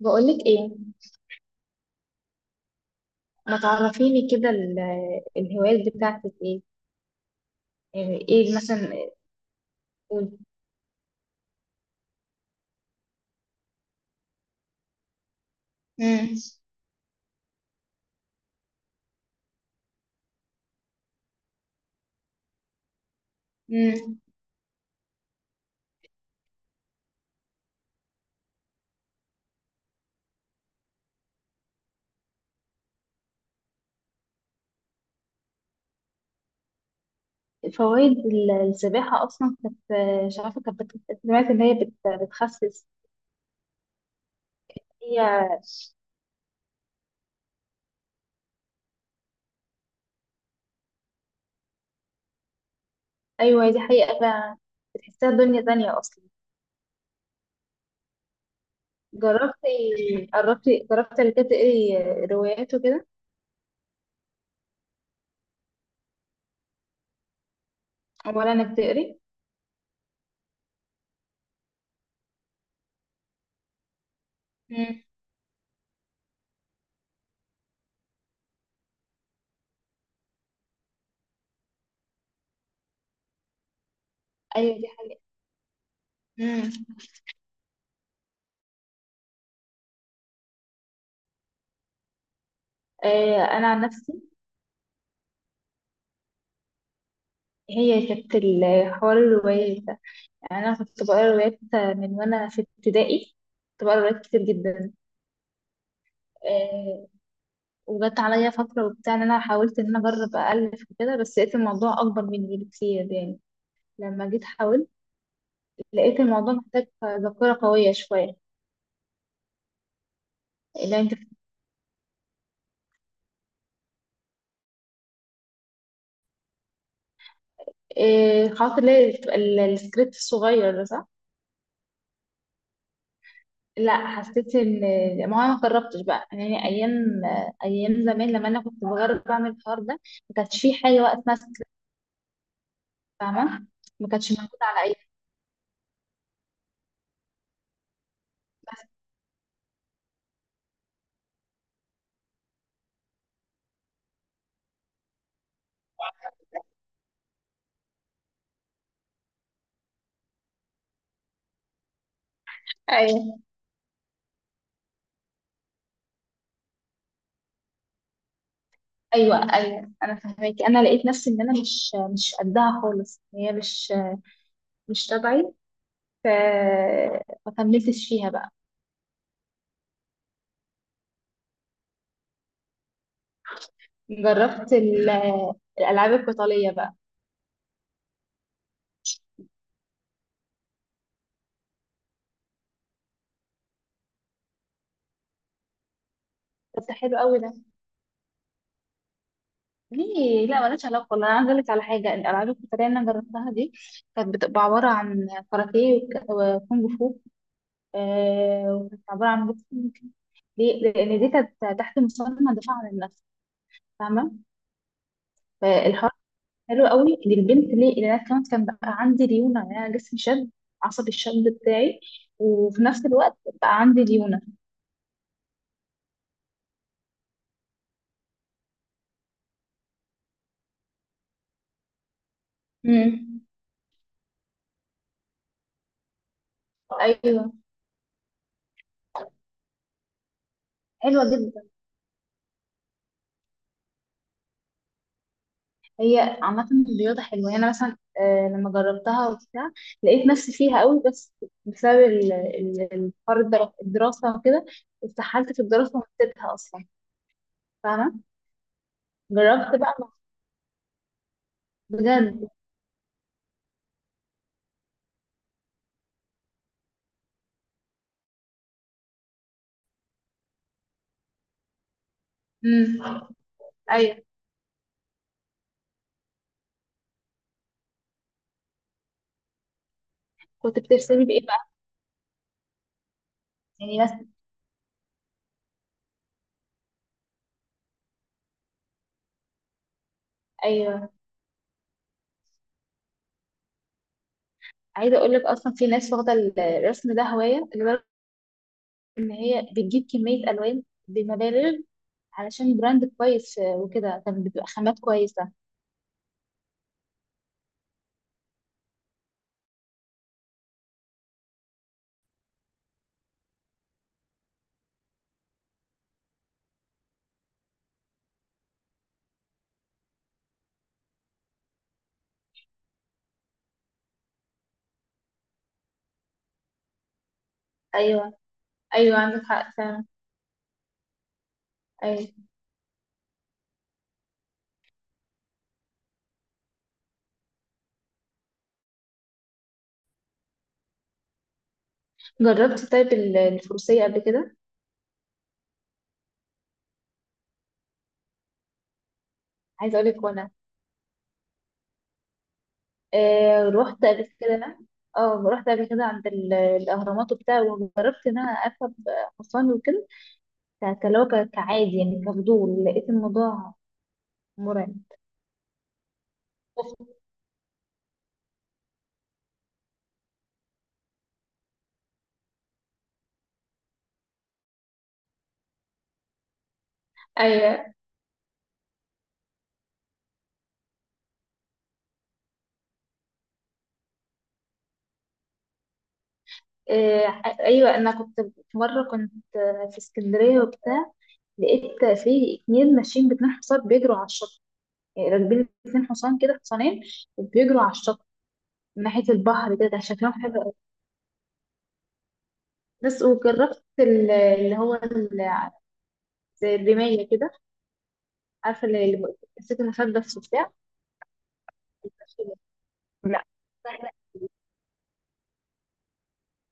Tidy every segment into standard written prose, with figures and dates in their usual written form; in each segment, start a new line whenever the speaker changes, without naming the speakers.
بقولك ايه. ما تعرفيني كده الهوايات بتاعتك ايه؟ يعني ايه مثلا؟ امم. امم. فوائد السباحة اصلا كانت، مش عارفة، كانت سمعت ان هي بتخسس. هي، ايوه دي حقيقة فعلا. بتحسها دنيا تانية اصلا. جربتي، جربتي قبل كده تقري روايات وكده؟ ولا انك تقري؟ امم. ايوه دي حقيقة. امم. انا عن نفسي، هي كانت حوار الروايات ده. يعني أنا كنت بقرا روايات من وأنا في ابتدائي. كنت بقرا روايات كتير جدا. آه. وجت عليا فترة وبتاع، إن أنا حاولت إن أنا أجرب أألف وكده، بس لقيت الموضوع أكبر مني بكتير يعني. لما جيت حاولت لقيت الموضوع محتاج ذاكرة قوية شوية. لأن أنت، خاطر ليه بتبقى السكريبت الصغير ده، صح؟ لا، حسيت ان، ما هو انا ما جربتش بقى، يعني ايام، ايام زمان لما انا كنت بجرب اعمل الحوار ده ما كانش في حاجه وقت ماسك. فاهمه، ما كانتش موجوده على اي. ايوه، ايوه، ايوه، انا فهماكي. انا لقيت نفسي ان انا مش قدها خالص، هي مش، مش تبعي. ف ما كملتش فيها بقى. جربت الالعاب القتاليه بقى. بس حلو قوي ده. ليه لا، مالهاش علاقه، والله انا عايزه اقول لك على حاجه، الالعاب القتاليه اللي انا جربتها دي كانت بتبقى عباره عن كاراتيه وكونج فو. آه، وكانت عباره عن بوكسينج. ليه؟ لان دي كانت تحت مسمى دفاع عن النفس. فاهمه؟ فالحوار حلو قوي للبنت. ليه؟ لان انا كمان كان بقى عندي ليونه، يعني انا جسمي شد عصبي، الشد بتاعي. وفي نفس الوقت بقى عندي ليونه. امم. ايوه حلوه جدا. هي عامه الرياضه حلوه، يعني انا مثلا، لما جربتها وبتاع لقيت نفسي فيها قوي. بس بسبب الحوار الدراسه وكده اتسحلت في الدراسه ونسيتها اصلا. فاهمه؟ جربت بقى. بجد. امم. ايوه، كنت بترسمي بايه بقى؟ يعني بس، ايوه، عايزه اقول لك اصلا في ناس واخده الرسم ده هوايه لدرجه ان هي بتجيب كميه الوان بمبالغ، علشان براند كويس وكده، كانت بتبقى خامات كويسه. ايوه، ايوه، عندك حق فعلا. ايوه، جربت طيب الفروسيه قبل كده؟ عايزه اقول لك، وانا، آه رحت قبل كده اه رحت قبل كده عند الاهرامات وبتاع، وجربت ان انا اركب حصان وكده. كلو، كعادي، يعني كفضول، لقيت الموضوع مرعب. ايوه. آه، ايوه، انا كنت في مره، كنت، آه، في اسكندريه وبتاع، لقيت في اتنين ماشيين باتنين حصان بيجروا على الشط، يعني راكبين اتنين حصان كده، حصانين، وبيجروا على الشط من ناحيه البحر كده، كان شكلهم حلو قوي. بس وجربت اللي هو زي الرمايه كده. عارفه اللي مسكت المسدس وبتاع. لا، سهله،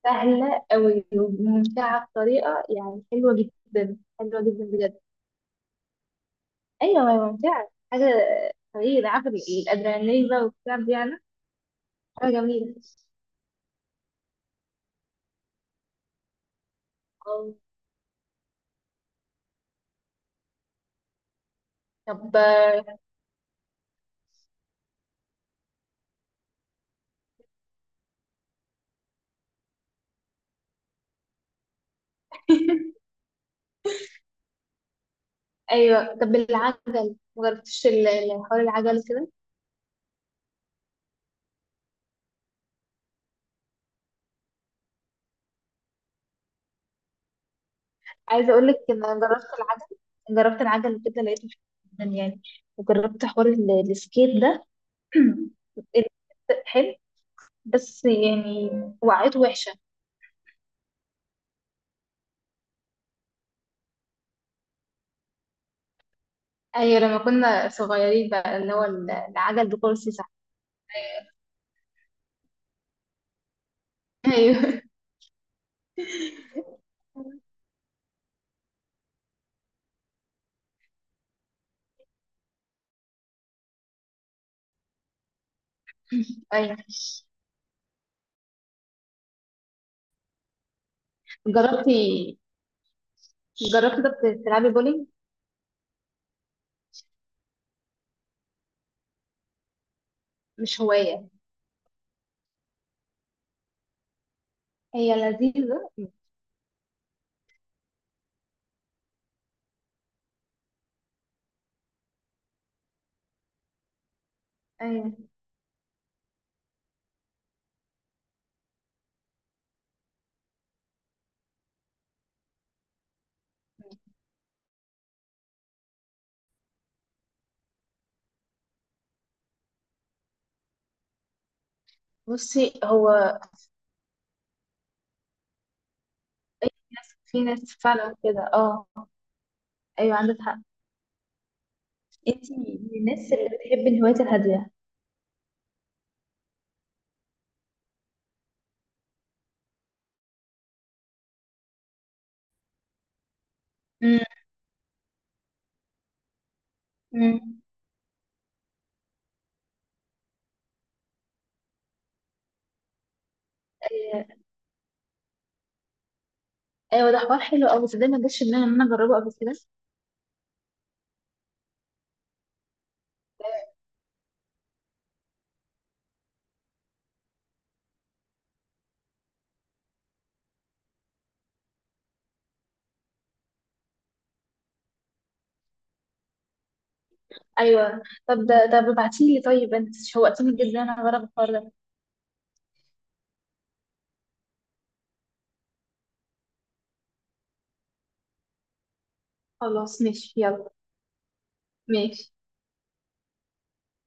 سهله قوي وممتعه بطريقه، يعني حلوه جدا، حلوه جدا بجد. ايوه ما هي ممتعة حاجة، طريقة، عارفة الأدرينالين بقى والكلام دي يعني. حاجة جميلة. اه طب، ايوه، العجل مجربتش حوار العجل كده؟ عايزة اقول لك ان انا جربت العجل. جربت العجل كده لقيته حلو جدا يعني. وجربت حوار السكيت ده. حلو. بس يعني، وقعته وحشة. ايوه، لما كنا صغيرين بقى اللي هو العجل بكرسي، صح؟ ايوه. ايوه، جربتي جربتي طب تلعبي بولينج؟ مش هواية، هي لذيذة. ايوه بصي، هو، أي، في ناس فعلا كده، اه. ايوه عندك حق. انتي من الناس اللي بتحب الهوايات الهادية. أمم. امم. آه، ايوه، ده حوار حلو قوي، بس ده ما جاش في دماغي ان انا اجربه قبل كده. ايوه، طب ده، طب ابعتيلي، طيب انت شوقتيني جدا انا اجرب الحوار ده. خلاص ماشي، يلا. ماشي.